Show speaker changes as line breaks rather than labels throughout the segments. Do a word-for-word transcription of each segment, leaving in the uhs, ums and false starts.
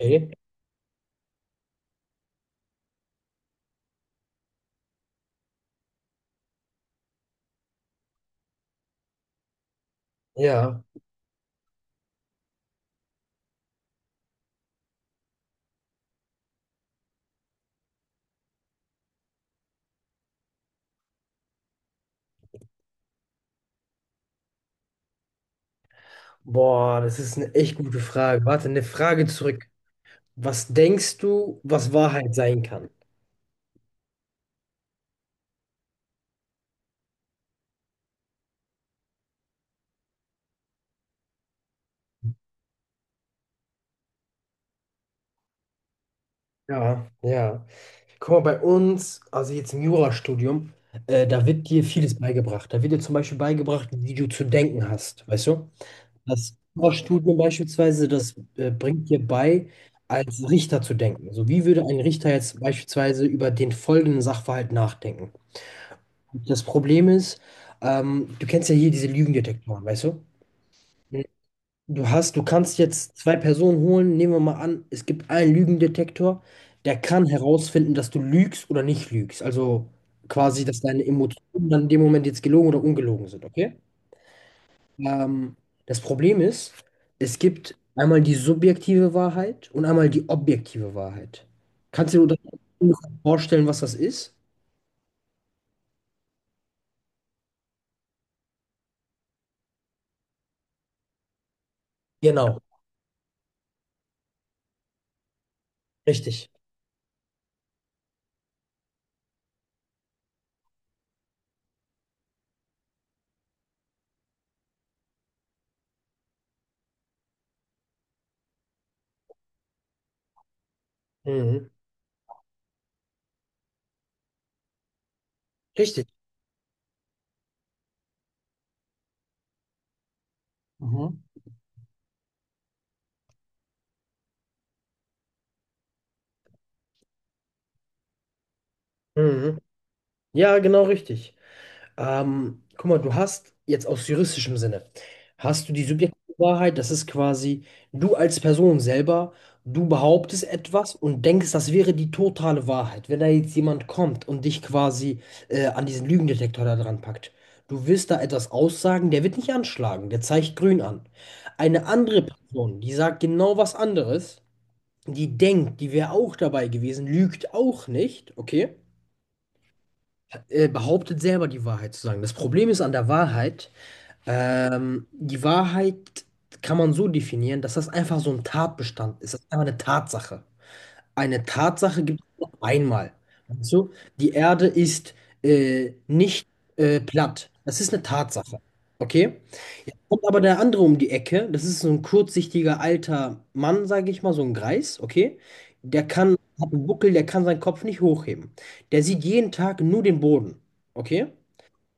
Okay. Ja, boah, das ist eine echt gute Frage. Warte, eine Frage zurück. Was denkst du, was Wahrheit sein kann? Ja, ja. Guck mal, bei uns, also jetzt im Jurastudium, äh, da wird dir vieles beigebracht. Da wird dir zum Beispiel beigebracht, wie du zu denken hast, weißt du? Das Jurastudium beispielsweise, das äh, bringt dir bei, als Richter zu denken. So, wie würde ein Richter jetzt beispielsweise über den folgenden Sachverhalt nachdenken? Das Problem ist, ähm, du kennst ja hier diese Lügendetektoren, weißt du? Du hast, du kannst jetzt zwei Personen holen. Nehmen wir mal an, es gibt einen Lügendetektor, der kann herausfinden, dass du lügst oder nicht lügst. Also quasi, dass deine Emotionen dann in dem Moment jetzt gelogen oder ungelogen sind, okay? Ähm, das Problem ist, es gibt einmal die subjektive Wahrheit und einmal die objektive Wahrheit. Kannst du dir das ungefähr vorstellen, was das ist? Genau, richtig. Mhm. Richtig. Mhm. Mhm. Ja, genau richtig. Ähm, guck mal, du hast jetzt aus juristischem Sinne, hast du die subjektive Wahrheit, das ist quasi du als Person selber, du behauptest etwas und denkst, das wäre die totale Wahrheit. Wenn da jetzt jemand kommt und dich quasi äh, an diesen Lügendetektor da dran packt, du willst da etwas aussagen, der wird nicht anschlagen, der zeigt grün an. Eine andere Person, die sagt genau was anderes, die denkt, die wäre auch dabei gewesen, lügt auch nicht, okay? äh, behauptet selber die Wahrheit zu sagen. Das Problem ist an der Wahrheit, ähm, die Wahrheit kann man so definieren, dass das einfach so ein Tatbestand ist. Das ist einfach eine Tatsache. Eine Tatsache gibt es nur einmal. Weißt du? Die Erde ist äh, nicht äh, platt. Das ist eine Tatsache. Okay? Jetzt kommt aber der andere um die Ecke. Das ist so ein kurzsichtiger alter Mann, sage ich mal, so ein Greis. Okay? Der kann, hat einen Buckel, der kann seinen Kopf nicht hochheben. Der sieht jeden Tag nur den Boden. Okay?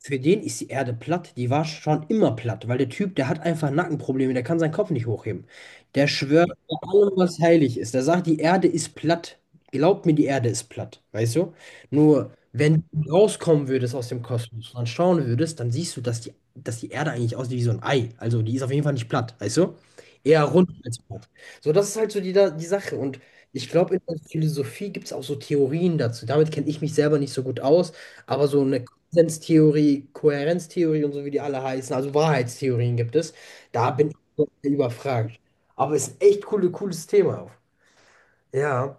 Für den ist die Erde platt, die war schon immer platt, weil der Typ, der hat einfach Nackenprobleme, der kann seinen Kopf nicht hochheben. Der schwört bei allem, was heilig ist. Der sagt, die Erde ist platt. Glaubt mir, die Erde ist platt, weißt du? Nur, wenn du rauskommen würdest aus dem Kosmos und dann schauen würdest, dann siehst du, dass die, dass die Erde eigentlich aussieht wie so ein Ei. Also, die ist auf jeden Fall nicht platt, weißt du? Eher rund als platt. So, das ist halt so die, da- die Sache. Und ich glaube, in der Philosophie gibt es auch so Theorien dazu. Damit kenne ich mich selber nicht so gut aus. Aber so eine Konsenstheorie, Kohärenztheorie und so, wie die alle heißen, also Wahrheitstheorien gibt es. Da Ja. bin ich überfragt. Aber es ist ein echt coole, cooles Thema. Ja,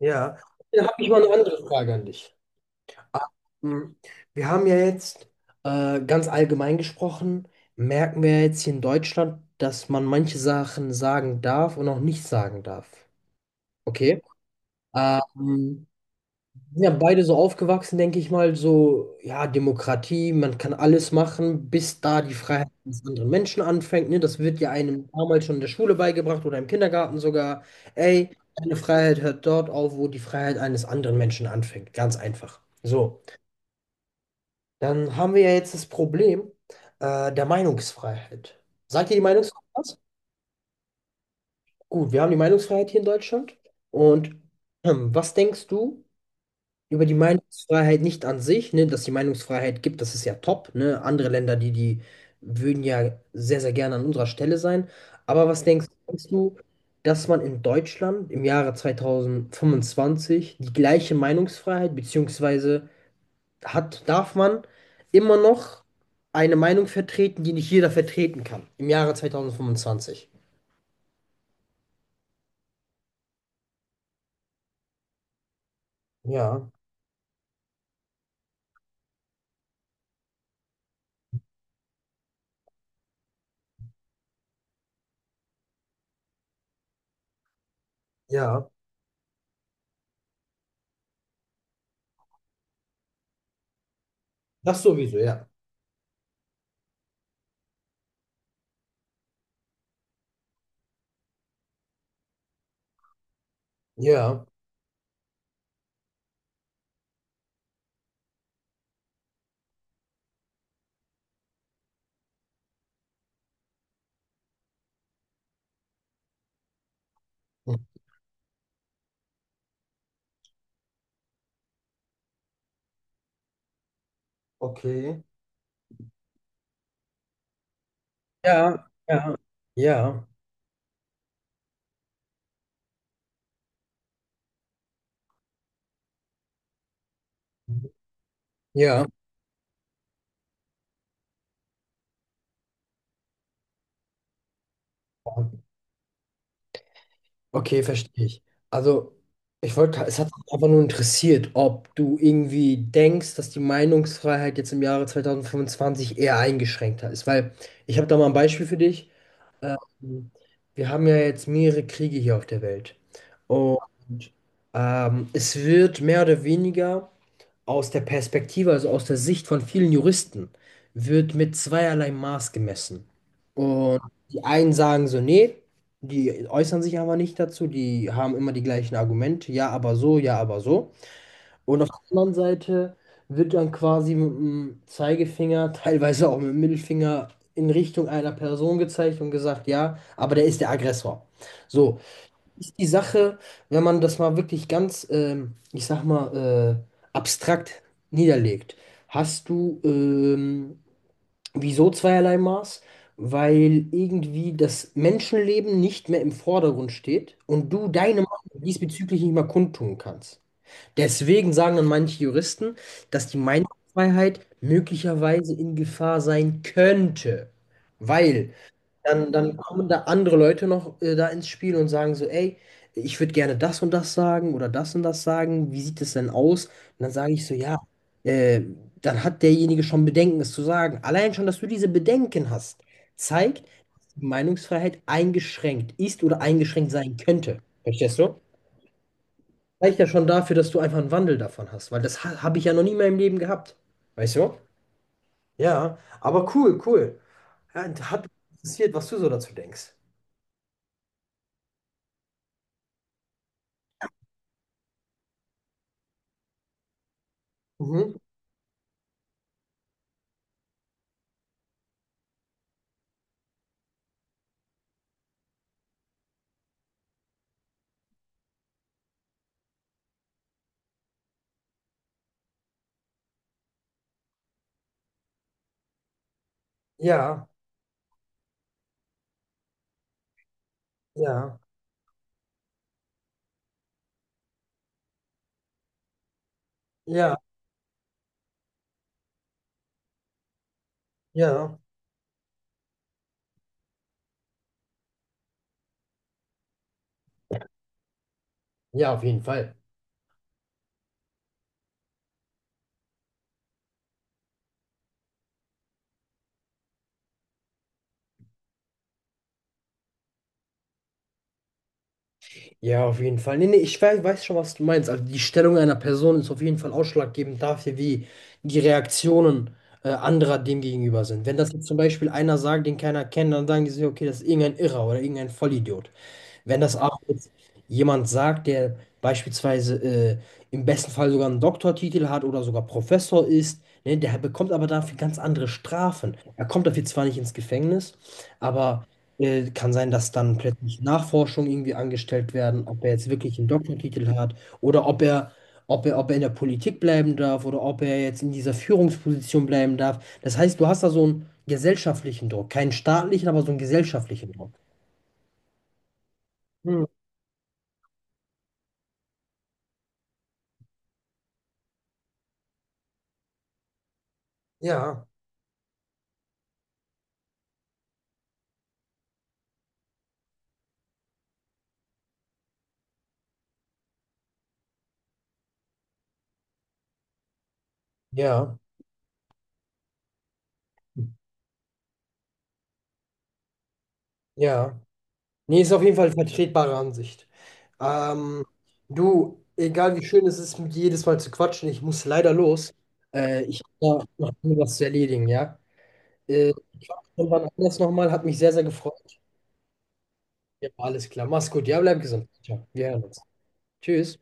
ja. Dann habe ich mal eine andere Frage an dich. Ähm, Wir haben ja jetzt äh, ganz allgemein gesprochen, merken wir jetzt hier in Deutschland, dass man manche Sachen sagen darf und auch nicht sagen darf. Okay? Ähm, sind ja beide so aufgewachsen, denke ich mal, so, ja, Demokratie, man kann alles machen, bis da die Freiheit des anderen Menschen anfängt. Ne? Das wird ja einem damals schon in der Schule beigebracht oder im Kindergarten sogar. Ey, deine Freiheit hört dort auf, wo die Freiheit eines anderen Menschen anfängt. Ganz einfach. So, dann haben wir ja jetzt das Problem äh, der Meinungsfreiheit. Sagt ihr die Meinungsfreiheit was? Gut, wir haben die Meinungsfreiheit hier in Deutschland. Und hm, was denkst du? Über die Meinungsfreiheit nicht an sich, ne, dass die Meinungsfreiheit gibt, das ist ja top, ne? Andere Länder, die, die würden ja sehr, sehr gerne an unserer Stelle sein. Aber was denkst, denkst du, dass man in Deutschland im Jahre zwanzig fünfundzwanzig die gleiche Meinungsfreiheit, beziehungsweise hat, darf man immer noch eine Meinung vertreten, die nicht jeder vertreten kann, im Jahre zwanzig fünfundzwanzig? Ja, ja, das sowieso, ja. Ja, okay. Ja, ja, ja. Ja, okay, verstehe ich. Also, ich wollte, es hat mich einfach nur interessiert, ob du irgendwie denkst, dass die Meinungsfreiheit jetzt im Jahre zwanzig fünfundzwanzig eher eingeschränkter ist. Weil ich habe da mal ein Beispiel für dich. Wir haben ja jetzt mehrere Kriege hier auf der Welt. Und ähm, es wird mehr oder weniger. Aus der Perspektive, also aus der Sicht von vielen Juristen, wird mit zweierlei Maß gemessen. Und die einen sagen so, nee, die äußern sich aber nicht dazu, die haben immer die gleichen Argumente, ja, aber so, ja, aber so. Und auf der anderen Seite wird dann quasi mit dem Zeigefinger, teilweise auch mit dem Mittelfinger in Richtung einer Person gezeigt und gesagt, ja, aber der ist der Aggressor. So, ist die Sache, wenn man das mal wirklich ganz, ähm, ich sag mal, äh, abstrakt niederlegt, hast du ähm, wieso zweierlei Maß? Weil irgendwie das Menschenleben nicht mehr im Vordergrund steht und du deine Meinung diesbezüglich nicht mehr kundtun kannst. Deswegen sagen dann manche Juristen, dass die Meinungsfreiheit möglicherweise in Gefahr sein könnte, weil dann, dann kommen da andere Leute noch äh, da ins Spiel und sagen so, ey, ich würde gerne das und das sagen oder das und das sagen, wie sieht es denn aus? Und dann sage ich so, ja, äh, dann hat derjenige schon Bedenken, es zu sagen. Allein schon, dass du diese Bedenken hast, zeigt, dass die Meinungsfreiheit eingeschränkt ist oder eingeschränkt sein könnte. Verstehst du? Reicht ja schon dafür, dass du einfach einen Wandel davon hast, weil das ha habe ich ja noch nie in meinem Leben gehabt. Weißt du? Ja, aber cool, cool. Ja, und hat mich interessiert, was du so dazu denkst. Mhm. Ja, ja, ja, ja. Ja, auf jeden Fall. Ja, auf jeden Fall. Nee, nee, ich weiß, weiß schon, was du meinst. Also die Stellung einer Person ist auf jeden Fall ausschlaggebend dafür, wie die Reaktionen äh, anderer dem gegenüber sind. Wenn das jetzt zum Beispiel einer sagt, den keiner kennt, dann sagen die sich, okay, das ist irgendein Irrer oder irgendein Vollidiot. Wenn das aber jetzt jemand sagt, der beispielsweise äh, im besten Fall sogar einen Doktortitel hat oder sogar Professor ist, ne, der bekommt aber dafür ganz andere Strafen. Er kommt dafür zwar nicht ins Gefängnis, aber äh, kann sein, dass dann plötzlich Nachforschungen irgendwie angestellt werden, ob er jetzt wirklich einen Doktortitel hat oder ob er, ob er, ob er in der Politik bleiben darf oder ob er jetzt in dieser Führungsposition bleiben darf. Das heißt, du hast da so einen gesellschaftlichen Druck, keinen staatlichen, aber so einen gesellschaftlichen Druck. Hm. Ja, ja, ja. Nee, ist auf jeden Fall vertretbare Ansicht. Ähm, du, egal wie schön es ist, mit dir jedes Mal zu quatschen, ich muss leider los. Äh, ich habe da noch was zu erledigen, ja? Äh, ich war schon wann anders nochmal, hat mich sehr, sehr gefreut. Ja, alles klar. Mach's gut. Ja, bleib gesund. Ciao. Wir hören uns. Tschüss.